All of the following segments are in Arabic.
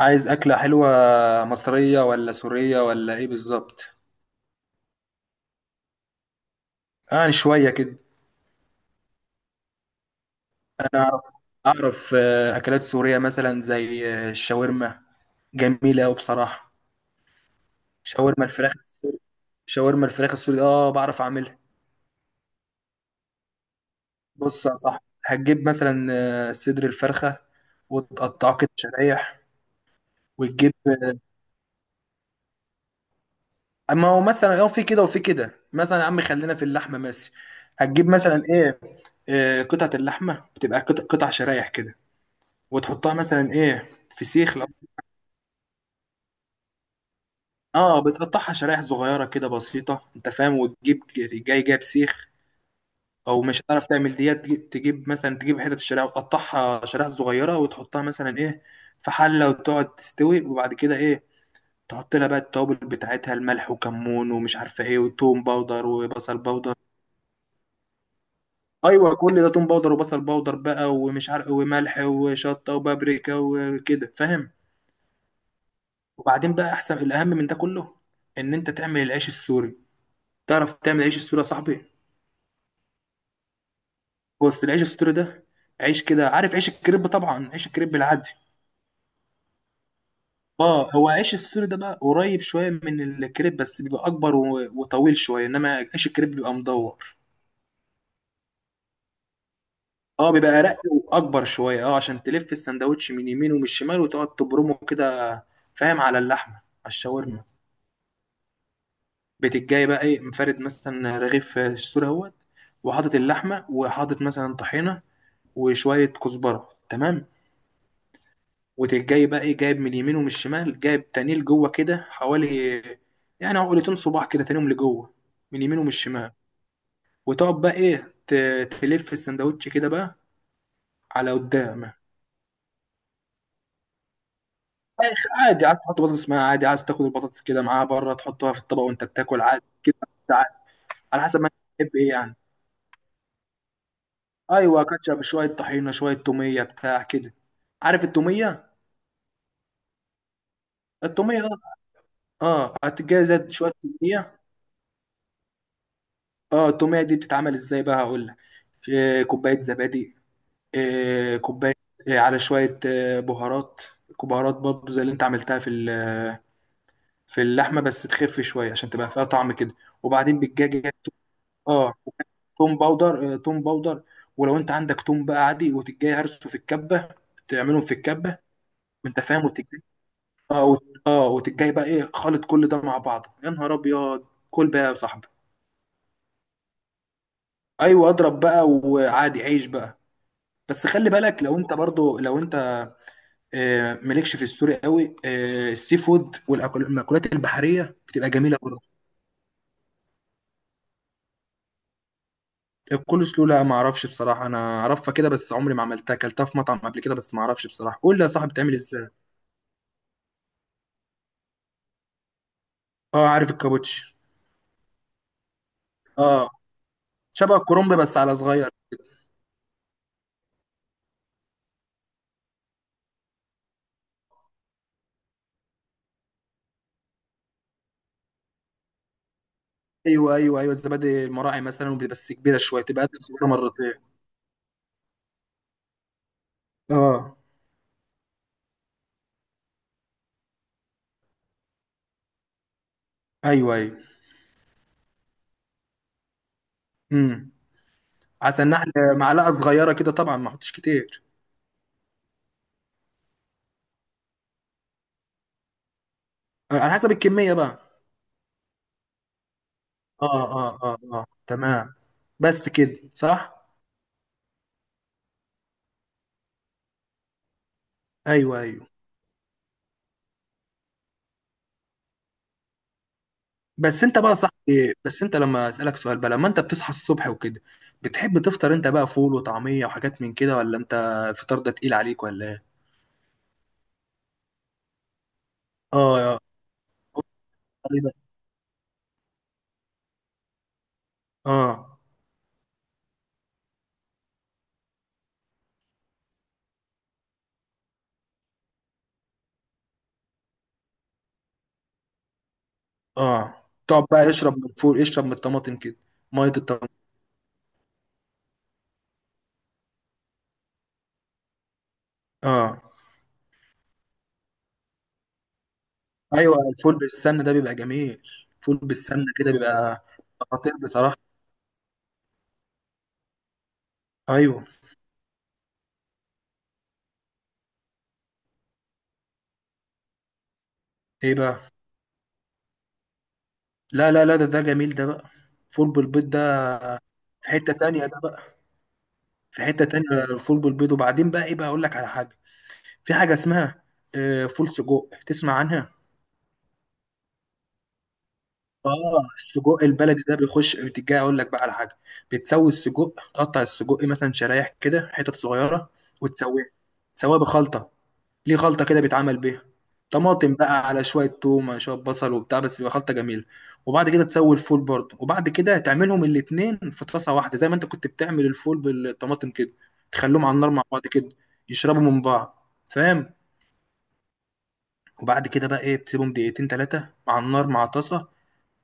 عايز أكلة حلوة مصرية ولا سورية ولا إيه بالظبط؟ يعني شوية كده. أنا أعرف، أعرف أكلات سورية مثلا زي الشاورما، جميلة أوي بصراحة. شاورما الفراخ. شاورما الفراخ السوري، آه بعرف أعملها. بص يا صاحبي، هتجيب مثلا صدر الفرخة وتقطعه كده شرايح. وتجيب آه، أما هو مثلا في كده وفي كده، مثلا يا عم خلينا في اللحمة مثلا. هتجيب مثلا إيه؟ قطعة اللحمة بتبقى قطع قطع شرايح كده. وتحطها مثلا ايه؟ في سيخ اه بتقطعها شرايح صغيره كده بسيطه، انت فاهم، وتجيب جايب سيخ. او مش هتعرف تعمل ديت، تجيب مثلا، تجيب حتت الشرايح وتقطعها شرايح صغيره وتحطها مثلا ايه؟ في حله وتقعد تستوي. وبعد كده ايه؟ تحط لها بقى التوابل بتاعتها، الملح وكمون ومش عارفه ايه، وتوم باودر وبصل باودر. ايوه كل ده، توم باودر وبصل باودر بقى، ومش عارف، وملح وشطه وبابريكا وكده، فاهم. وبعدين بقى احسن، الاهم من ده كله ان انت تعمل العيش السوري. تعرف تعمل عيش السوري يا صاحبي؟ بص، العيش السوري ده عيش كده، عارف عيش الكريب طبعا، عيش الكريب العادي. اه، هو عيش السوري ده بقى قريب شويه من الكريب، بس بيبقى اكبر وطويل شويه، انما عيش الكريب بيبقى مدور. اه، بيبقى رق واكبر شويه، اه عشان تلف السندوتش من يمين ومن الشمال وتقعد تبرمه كده، فاهم، على اللحمه، على الشاورما. بتجي بقى ايه؟ مفرد مثلا رغيف السوري اهوت، وحاطط اللحمه، وحاطط مثلا طحينه وشويه كزبره، تمام. وتجي بقى ايه، جايب من اليمين ومن الشمال، جايب تاني لجوه كده، حوالي يعني عقلتين صباع كده تانيهم لجوه، من اليمين ومن الشمال. وتقعد بقى ايه تلف السندوتش كده بقى على قدام. آخ، عادي، عايز تحط بطاطس معاها عادي، عايز تاكل البطاطس كده معاها بره تحطها في الطبق وانت بتاكل عادي كده. عادي. على حسب ما انت بتحب ايه يعني. ايوه، كاتشب، شويه طحينه، شويه توميه بتاع كده. عارف التوميه؟ التوميه اه. اه، هتجهز شويه توميه. اه، التوميه دي بتتعمل ازاي بقى؟ هقول لك. كوبايه زبادي. كوبايه. على شويه بهارات. بهارات برضه زي اللي انت عملتها في في اللحمه، بس تخف شويه عشان تبقى فيها طعم كده. وبعدين بالجاجه. اه، توم باودر، توم باودر. ولو انت عندك توم بقى عادي، وتجي هرسه في الكبه، تعملهم في الكبه. انت فاهم، وتجي اه اه وتجي بقى ايه، خلط كل ده مع بعض، يا نهار ابيض. كل بقى يا صاحبي. ايوه اضرب بقى، وعادي عيش بقى. بس خلي بالك، لو انت برضو، لو انت مالكش في السوري قوي، السي فود والمأكولات البحرية بتبقى جميلة برضه. الكول سلو لا، ما اعرفش بصراحة، انا اعرفها كده بس عمري ما عملتها، اكلتها في مطعم قبل كده بس ما اعرفش بصراحة، قول لي يا صاحبي بتعمل ازاي. اه عارف الكابوتش. اه، شبه الكرنب بس على صغير. ايوه ايوه ايوه، الزبادي المراعي مثلا، بس كبيرة شوية تبقى قد الصغيرة مرتين. اه. ايوه ايوه. امم. عسل نحل. معلقة صغيرة كده طبعا ما احطش كتير. على حسب الكمية بقى. اه اه اه اه، تمام. بس كده صح. ايوه ايوه. بس انت بقى صح. بس انت لما اسالك سؤال بقى، لما انت بتصحى الصبح وكده بتحب تفطر انت بقى فول وطعميه وحاجات من كده، ولا انت الفطار ده تقيل عليك ولا ايه؟ اه اه اه اه. تقعد بقى اشرب من الفول اشرب من الطماطم كده، ميه الطماطم. اه. ايوه، الفول بالسمنه ده بيبقى جميل. الفول بالسمنه كده بيبقى خطير بصراحه. ايوه. ايه بقى. لا لا لا، ده جميل ده بقى. فول بالبيض ده في حته تانية ده بقى. في حته تانية. الفول بالبيض. وبعدين بقى ايه، بقى اقول لك على حاجه. في حاجة اسمها فول سجق، تسمع عنها؟ اه، السجق البلدي ده بيخش، بتجي اقول لك بقى على حاجة. بتسوي السجق، تقطع السجق مثلا شرايح كده حتت صغيرة. وتسويه، تسويه بخلطة. ليه خلطة كده بيتعمل بيها. طماطم بقى، على شوية توم، شوية بصل وبتاع، بس بيبقى خلطة جميلة. وبعد كده تسوي الفول برضه، وبعد كده تعملهم الاتنين في طاسة واحدة، زي ما انت كنت بتعمل الفول بالطماطم كده. تخليهم على النار مع بعض كده، يشربوا من بعض، فاهم. وبعد كده بقى ايه، بتسيبهم دقيقتين تلاتة مع النار مع طاسة.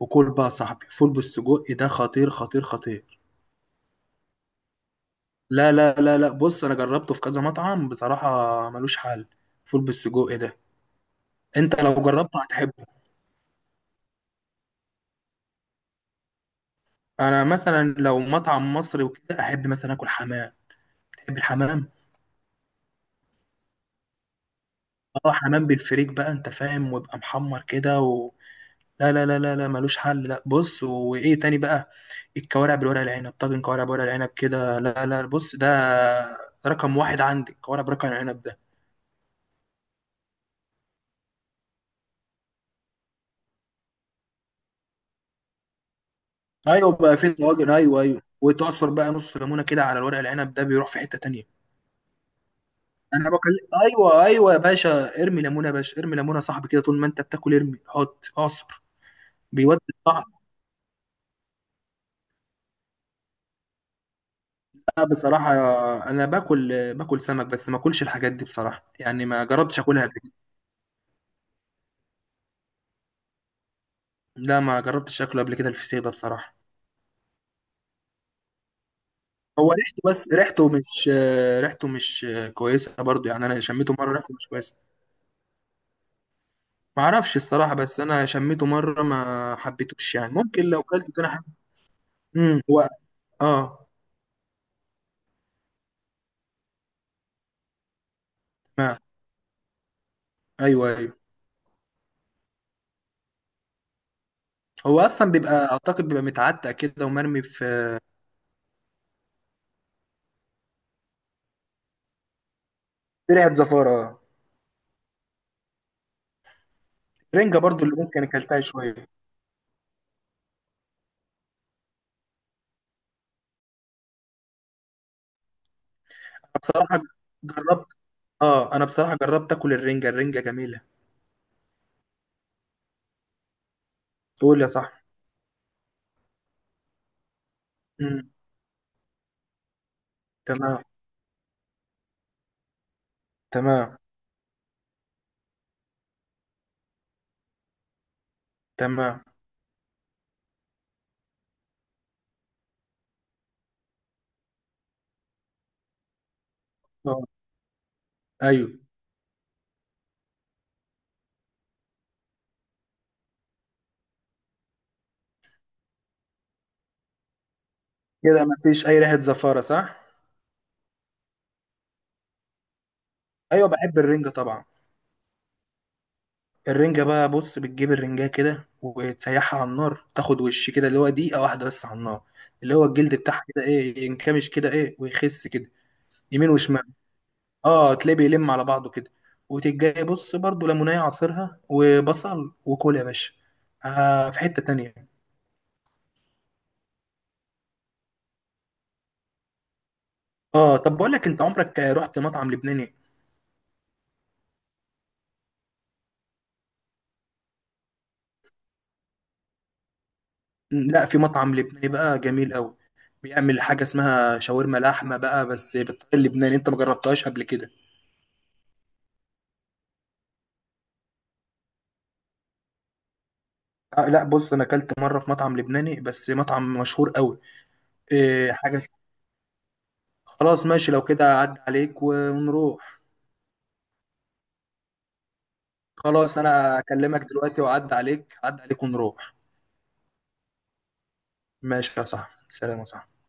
وكل بقى يا صاحبي، فول بالسجق إيه ده، خطير خطير خطير. لا لا لا لا، بص انا جربته في كذا مطعم، بصراحة ملوش حل. فول بالسجق إيه ده. انت لو جربته هتحبه. انا مثلا لو مطعم مصري وكده، احب مثلا اكل حمام. تحب الحمام. اه حمام بالفريك بقى، انت فاهم، ويبقى محمر كده. لا لا لا لا لا، ملوش حل. لا، بص، وايه تاني بقى. الكوارع بالورق العنب، طاجن كوارع بورق العنب كده، لا لا، بص ده رقم واحد عندي، الكوارع برقم العنب ده. ايوه بقى في طواجن، ايوه ايوه، وتعصر بقى نص ليمونه كده على الورق العنب، ده بيروح في حته تانية. انا بكلم، ايوه ايوه يا باشا، ارمي ليمونه يا باشا، ارمي ليمونه يا صاحبي كده، طول ما انت بتاكل ارمي، حط، اعصر، بيودي الطعم. لا بصراحه، انا باكل، باكل سمك بس ما اكلش الحاجات دي بصراحه، يعني ما جربتش اكلها قبل كده. لا ما جربتش اكله قبل كده الفسيخ ده بصراحه. هو ريحته، بس ريحته مش، ريحته مش كويسه برضو، يعني انا شميته مره ريحته مش كويسه. ما اعرفش الصراحه، بس انا شميته مره ما حبيتوش، يعني ممكن لو كلته تاني امم. هو اه ما ايوه ايوه، هو اصلا بيبقى، اعتقد بيبقى متعتق كده ومرمي في، في ريحه زفاره آه. رنجه برضو اللي ممكن اكلتها شويه أنا بصراحه، جربت، اه انا بصراحه جربت اكل الرنجه، الرنجه جميله. قول يا صاحبي. امم. تمام تمام تمام. اه ايوه. كده ما فيش اي ريحه زفاره صح. ايوه بحب الرنجة طبعا. الرنجة بقى بص، بتجيب الرنجة كده وتسيحها على النار، تاخد وش كده، اللي هو دقيقة واحدة بس على النار. اللي هو الجلد بتاعها كده ايه، ينكمش كده ايه ويخس كده يمين وشمال. اه تلاقيه بيلم على بعضه كده. وتجي بص برضو ليمونية عصيرها وبصل، وكل يا باشا، آه في حتة تانية. اه طب بقول لك، انت عمرك رحت مطعم لبناني؟ لا، في مطعم لبناني بقى جميل قوي، بيعمل حاجة اسمها شاورما لحمة بقى بس بالطريقة اللبناني، انت ما جربتهاش قبل كده. آه لا، بص، انا اكلت مره في مطعم لبناني بس مطعم مشهور قوي. إيه حاجه اسمها- خلاص ماشي، لو كده عدى عليك ونروح. خلاص، انا اكلمك دلوقتي، واعدي عليك عدى عليك ونروح. ماشي يا صاحبي، سلام يا صاحبي.